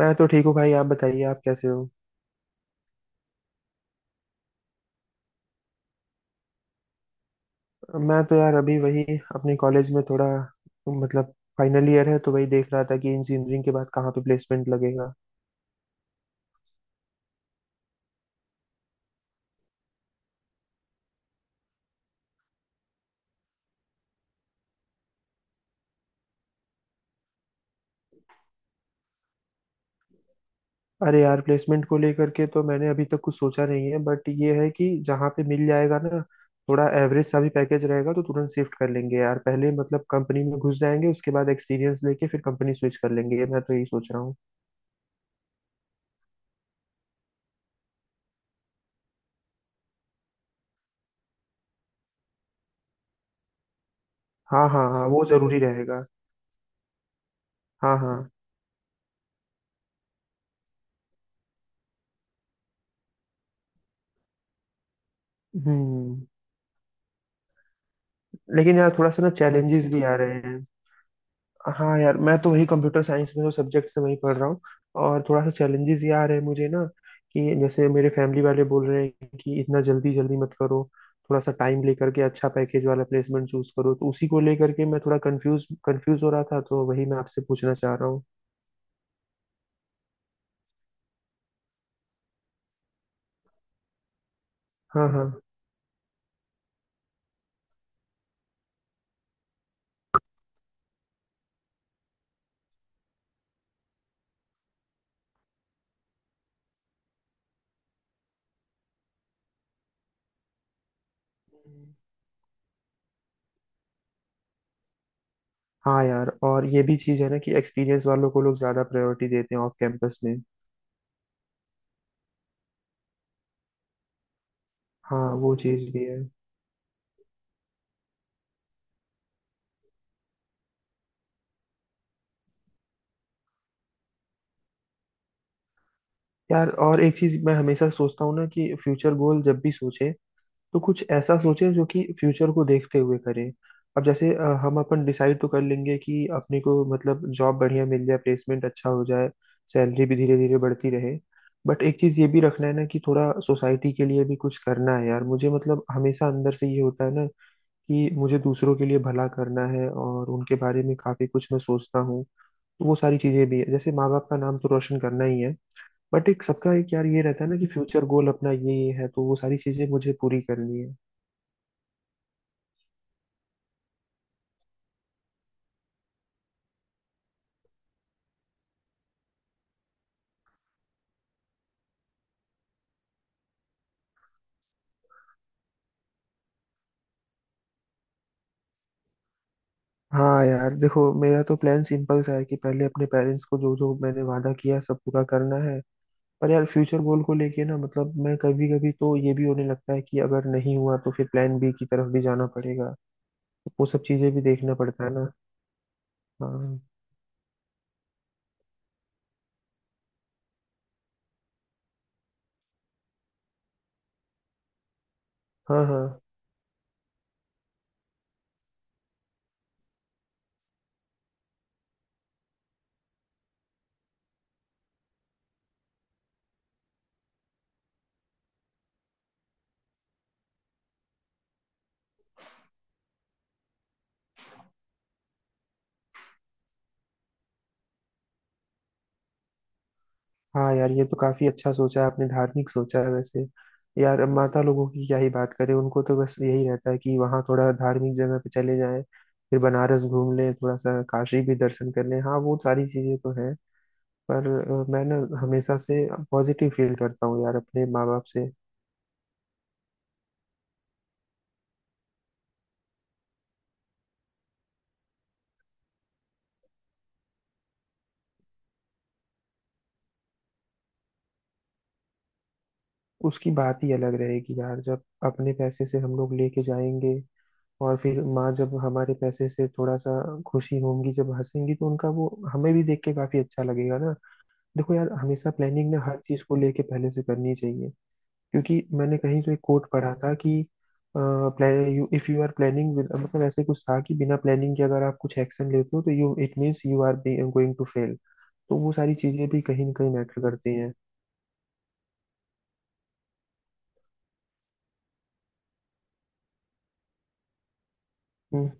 मैं तो ठीक हूँ भाई। आप बताइए, आप कैसे हो। मैं तो यार अभी वही अपने कॉलेज में थोड़ा, मतलब, फाइनल ईयर है तो वही देख रहा था कि इंजीनियरिंग के बाद कहाँ पे प्लेसमेंट लगेगा। अरे यार, प्लेसमेंट को लेकर के तो मैंने अभी तक कुछ सोचा नहीं है, बट ये है कि जहाँ पे मिल जाएगा ना, थोड़ा एवरेज सा भी पैकेज रहेगा तो तुरंत शिफ्ट कर लेंगे यार। पहले, मतलब, कंपनी में घुस जाएंगे, उसके बाद एक्सपीरियंस लेके फिर कंपनी स्विच कर लेंगे, मैं तो यही सोच रहा हूँ। हाँ हाँ हाँ, वो जरूरी रहेगा। हाँ हाँ। हम्म। लेकिन यार, थोड़ा सा ना चैलेंजेस भी आ रहे हैं। हाँ यार, मैं तो वही कंप्यूटर साइंस में जो सब्जेक्ट से वही पढ़ रहा हूँ। और थोड़ा सा चैलेंजेस ये आ रहे हैं मुझे ना, कि जैसे मेरे फैमिली वाले बोल रहे हैं कि इतना जल्दी जल्दी मत करो, थोड़ा सा टाइम लेकर के अच्छा पैकेज वाला प्लेसमेंट चूज करो। तो उसी को लेकर के मैं थोड़ा कंफ्यूज कंफ्यूज हो रहा था, तो वही मैं आपसे पूछना चाह रहा हूँ। हाँ हाँ। हाँ यार, और ये भी चीज़ है ना कि एक्सपीरियंस वालों को लोग ज़्यादा प्रायोरिटी देते हैं ऑफ कैंपस में। हाँ, वो चीज़ भी है। यार, और एक चीज़ मैं हमेशा सोचता हूँ ना कि फ्यूचर गोल जब भी सोचे तो कुछ ऐसा सोचे जो कि फ्यूचर को देखते हुए करें। अब जैसे हम अपन डिसाइड तो कर लेंगे कि अपने को, मतलब, जॉब बढ़िया मिल जाए, प्लेसमेंट अच्छा हो जाए, सैलरी भी धीरे धीरे बढ़ती रहे। बट एक चीज़ ये भी रखना है ना कि थोड़ा सोसाइटी के लिए भी कुछ करना है यार मुझे, मतलब हमेशा अंदर से ये होता है ना कि मुझे दूसरों के लिए भला करना है, और उनके बारे में काफ़ी कुछ मैं सोचता हूँ। तो वो सारी चीज़ें भी है, जैसे माँ बाप का नाम तो रोशन करना ही है। बट एक सबका एक यार ये रहता है ना कि फ्यूचर गोल अपना ये है, तो वो सारी चीज़ें मुझे पूरी करनी है। हाँ यार देखो, मेरा तो प्लान सिंपल सा है कि पहले अपने पेरेंट्स को जो जो मैंने वादा किया है, सब पूरा करना है। पर यार, फ्यूचर गोल को लेके ना, मतलब मैं, कभी कभी तो ये भी होने लगता है कि अगर नहीं हुआ तो फिर प्लान बी की तरफ भी जाना पड़ेगा, तो वो सब चीजें भी देखना पड़ता है ना। हाँ। हाँ हाँ। हाँ यार, ये तो काफी अच्छा सोचा है आपने, धार्मिक सोचा है वैसे। यार, अब माता लोगों की क्या ही बात करें, उनको तो बस यही रहता है कि वहाँ थोड़ा धार्मिक जगह पे चले जाएं, फिर बनारस घूम लें, थोड़ा सा काशी भी दर्शन कर लें। हाँ, वो सारी चीजें तो है। पर मैं ना हमेशा से पॉजिटिव फील करता हूँ यार अपने माँ बाप से। उसकी बात ही अलग रहेगी यार, जब अपने पैसे से हम लोग लेके जाएंगे, और फिर माँ जब हमारे पैसे से थोड़ा सा खुशी होंगी, जब हंसेंगी, तो उनका वो हमें भी देख के काफी अच्छा लगेगा ना। देखो यार, हमेशा प्लानिंग ना हर चीज को लेके पहले से करनी चाहिए, क्योंकि मैंने कहीं तो एक कोट पढ़ा था कि इफ यू आर प्लानिंग, मतलब ऐसे कुछ था कि बिना प्लानिंग के अगर आप कुछ एक्शन लेते हो तो you, it means you are going to fail. तो वो सारी चीजें भी कहीं ना कहीं मैटर करती हैं। हम्म।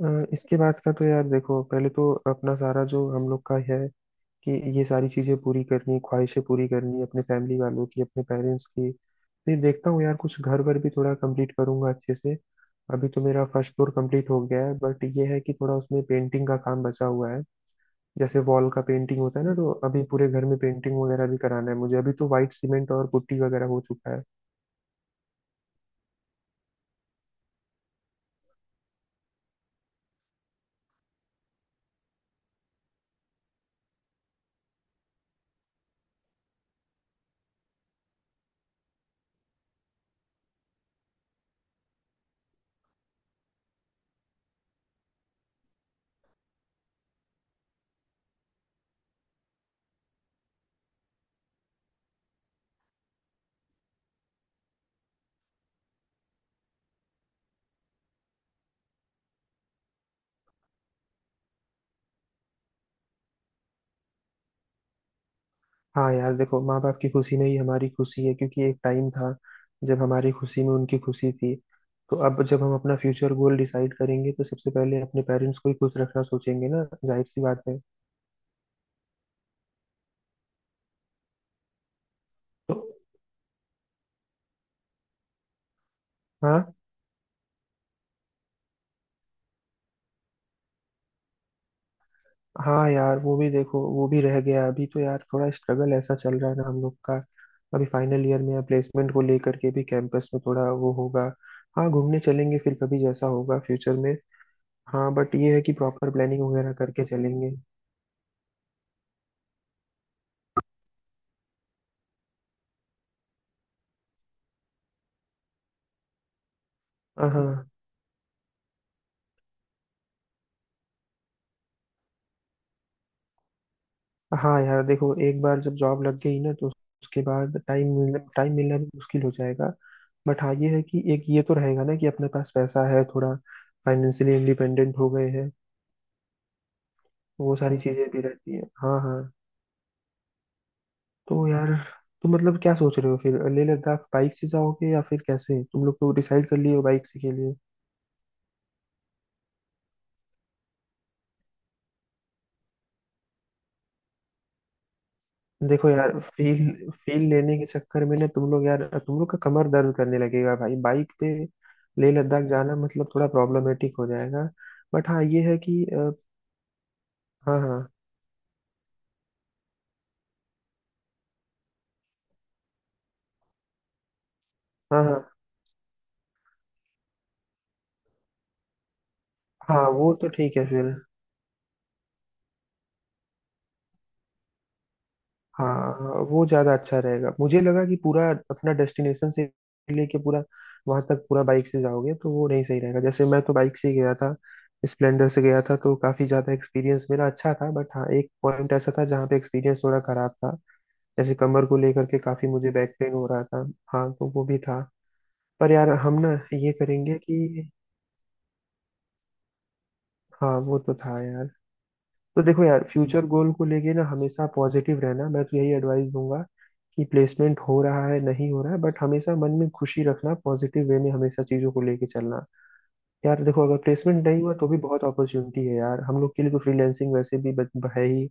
इसके बाद का तो यार देखो, पहले तो अपना सारा जो हम लोग का है, कि ये सारी चीजें पूरी करनी, ख्वाहिशें पूरी करनी अपने फैमिली वालों की, अपने पेरेंट्स की। फिर देखता हूँ यार, कुछ घर वर भी थोड़ा कंप्लीट करूंगा अच्छे से। अभी तो मेरा फर्स्ट फ्लोर कंप्लीट हो गया है, बट ये है कि थोड़ा उसमें पेंटिंग का काम बचा हुआ है। जैसे वॉल का पेंटिंग होता है ना, तो अभी पूरे घर में पेंटिंग वगैरह भी कराना है मुझे। अभी तो वाइट सीमेंट और पुट्टी वगैरह हो चुका है। हाँ यार देखो, माँ बाप की खुशी में ही हमारी खुशी है, क्योंकि एक टाइम था जब हमारी खुशी में उनकी खुशी थी। तो अब जब हम अपना फ्यूचर गोल डिसाइड करेंगे, तो सबसे पहले अपने पेरेंट्स को ही खुश रखना सोचेंगे ना, जाहिर सी बात है। तो हाँ। हाँ यार, वो भी देखो, वो भी रह गया। अभी तो यार थोड़ा स्ट्रगल ऐसा चल रहा है ना हम लोग का, अभी फाइनल ईयर में प्लेसमेंट को लेकर के भी कैंपस में थोड़ा वो होगा। हाँ, घूमने चलेंगे फिर कभी, जैसा होगा फ्यूचर में। हाँ, बट ये है कि प्रॉपर प्लानिंग वगैरह करके चलेंगे। हाँ। हाँ यार देखो, एक बार जब जॉब लग गई ना, तो उसके बाद टाइम मिलना भी मुश्किल हो जाएगा। बट हाँ, ये है कि एक ये तो रहेगा ना कि अपने पास पैसा है थोड़ा, फाइनेंशियली इंडिपेंडेंट हो गए हैं। वो सारी चीजें भी रहती हैं। हाँ हाँ। तो यार, तुम मतलब क्या सोच रहे हो फिर? लेह लद्दाख बाइक से जाओगे या फिर कैसे? तुम लोग तो डिसाइड कर लिए हो बाइक से के लिए। देखो यार, फील फील लेने के चक्कर में ना, तुम लोग का कमर दर्द करने लगेगा भाई बाइक पे। लेह लद्दाख जाना मतलब थोड़ा प्रॉब्लमेटिक हो जाएगा। बट हाँ, ये है कि हाँ हाँ। हाँ हाँ हाँ, वो तो ठीक है फिर। हाँ। हाँ, वो ज़्यादा अच्छा रहेगा। मुझे लगा कि पूरा अपना डेस्टिनेशन से लेके पूरा वहाँ तक पूरा बाइक से जाओगे तो वो नहीं सही रहेगा। जैसे मैं तो बाइक से ही गया था, स्प्लेंडर से गया था, तो काफ़ी ज़्यादा एक्सपीरियंस मेरा अच्छा था। बट हाँ, एक पॉइंट ऐसा था जहाँ पे एक्सपीरियंस थोड़ा खराब था, जैसे कमर को लेकर के काफी मुझे बैक पेन हो रहा था। हाँ, तो वो भी था। पर यार, हम ना ये करेंगे कि, हाँ, वो तो था यार। तो देखो यार, फ्यूचर गोल को लेके ना हमेशा पॉजिटिव रहना, मैं तो यही एडवाइस दूंगा कि प्लेसमेंट हो रहा है नहीं हो रहा है, बट हमेशा मन में खुशी रखना, पॉजिटिव वे में हमेशा चीजों को लेके चलना। यार देखो, अगर प्लेसमेंट नहीं हुआ तो भी बहुत अपॉर्चुनिटी है यार हम लोग के लिए, तो फ्रीलैंसिंग वैसे भी है ही।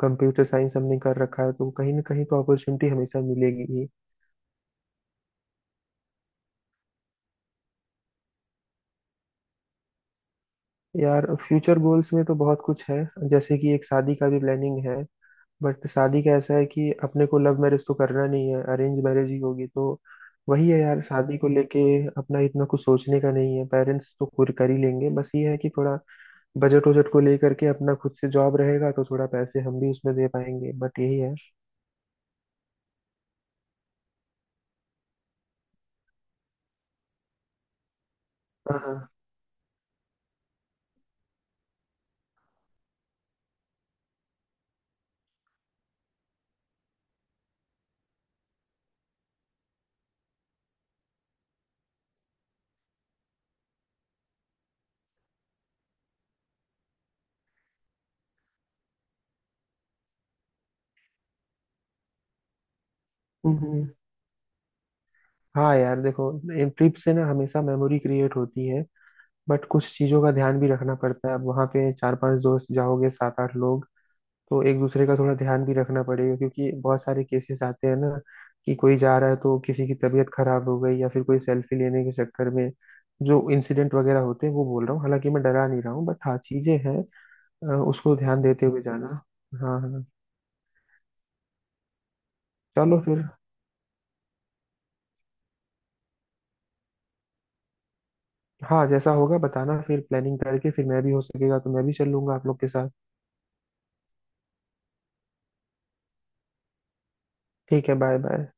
कंप्यूटर साइंस हमने कर रखा है, तो कहीं ना कहीं तो अपॉर्चुनिटी हमेशा मिलेगी ही। यार, फ्यूचर गोल्स में तो बहुत कुछ है, जैसे कि एक शादी का भी प्लानिंग है। बट शादी का ऐसा है कि अपने को लव मैरिज तो करना नहीं है, अरेंज मैरिज ही होगी, तो वही है यार। शादी को लेके अपना इतना कुछ सोचने का नहीं है, पेरेंट्स तो खुद कर ही लेंगे। बस ये है कि थोड़ा बजट वजट को लेकर के, अपना खुद से जॉब रहेगा तो थोड़ा पैसे हम भी उसमें दे पाएंगे, बट यही है। हाँ हाँ। हम्म। हाँ यार देखो, ट्रिप से ना हमेशा मेमोरी क्रिएट होती है, बट कुछ चीज़ों का ध्यान भी रखना पड़ता है। अब वहाँ पे चार पांच दोस्त जाओगे, सात आठ लोग, तो एक दूसरे का थोड़ा ध्यान भी रखना पड़ेगा, क्योंकि बहुत सारे केसेस आते हैं ना कि कोई जा रहा है तो किसी की तबीयत खराब हो गई, या फिर कोई सेल्फी लेने के चक्कर में जो इंसिडेंट वगैरह होते हैं, वो बोल रहा हूँ। हालांकि मैं डरा नहीं रहा हूँ, बट हाँ, चीजें हैं। उसको ध्यान देते हुए जाना। हाँ हाँ। चलो फिर। हाँ, जैसा होगा बताना, फिर प्लानिंग करके फिर, मैं भी हो सकेगा तो मैं भी चल लूंगा आप लोग के साथ। ठीक है, बाय बाय।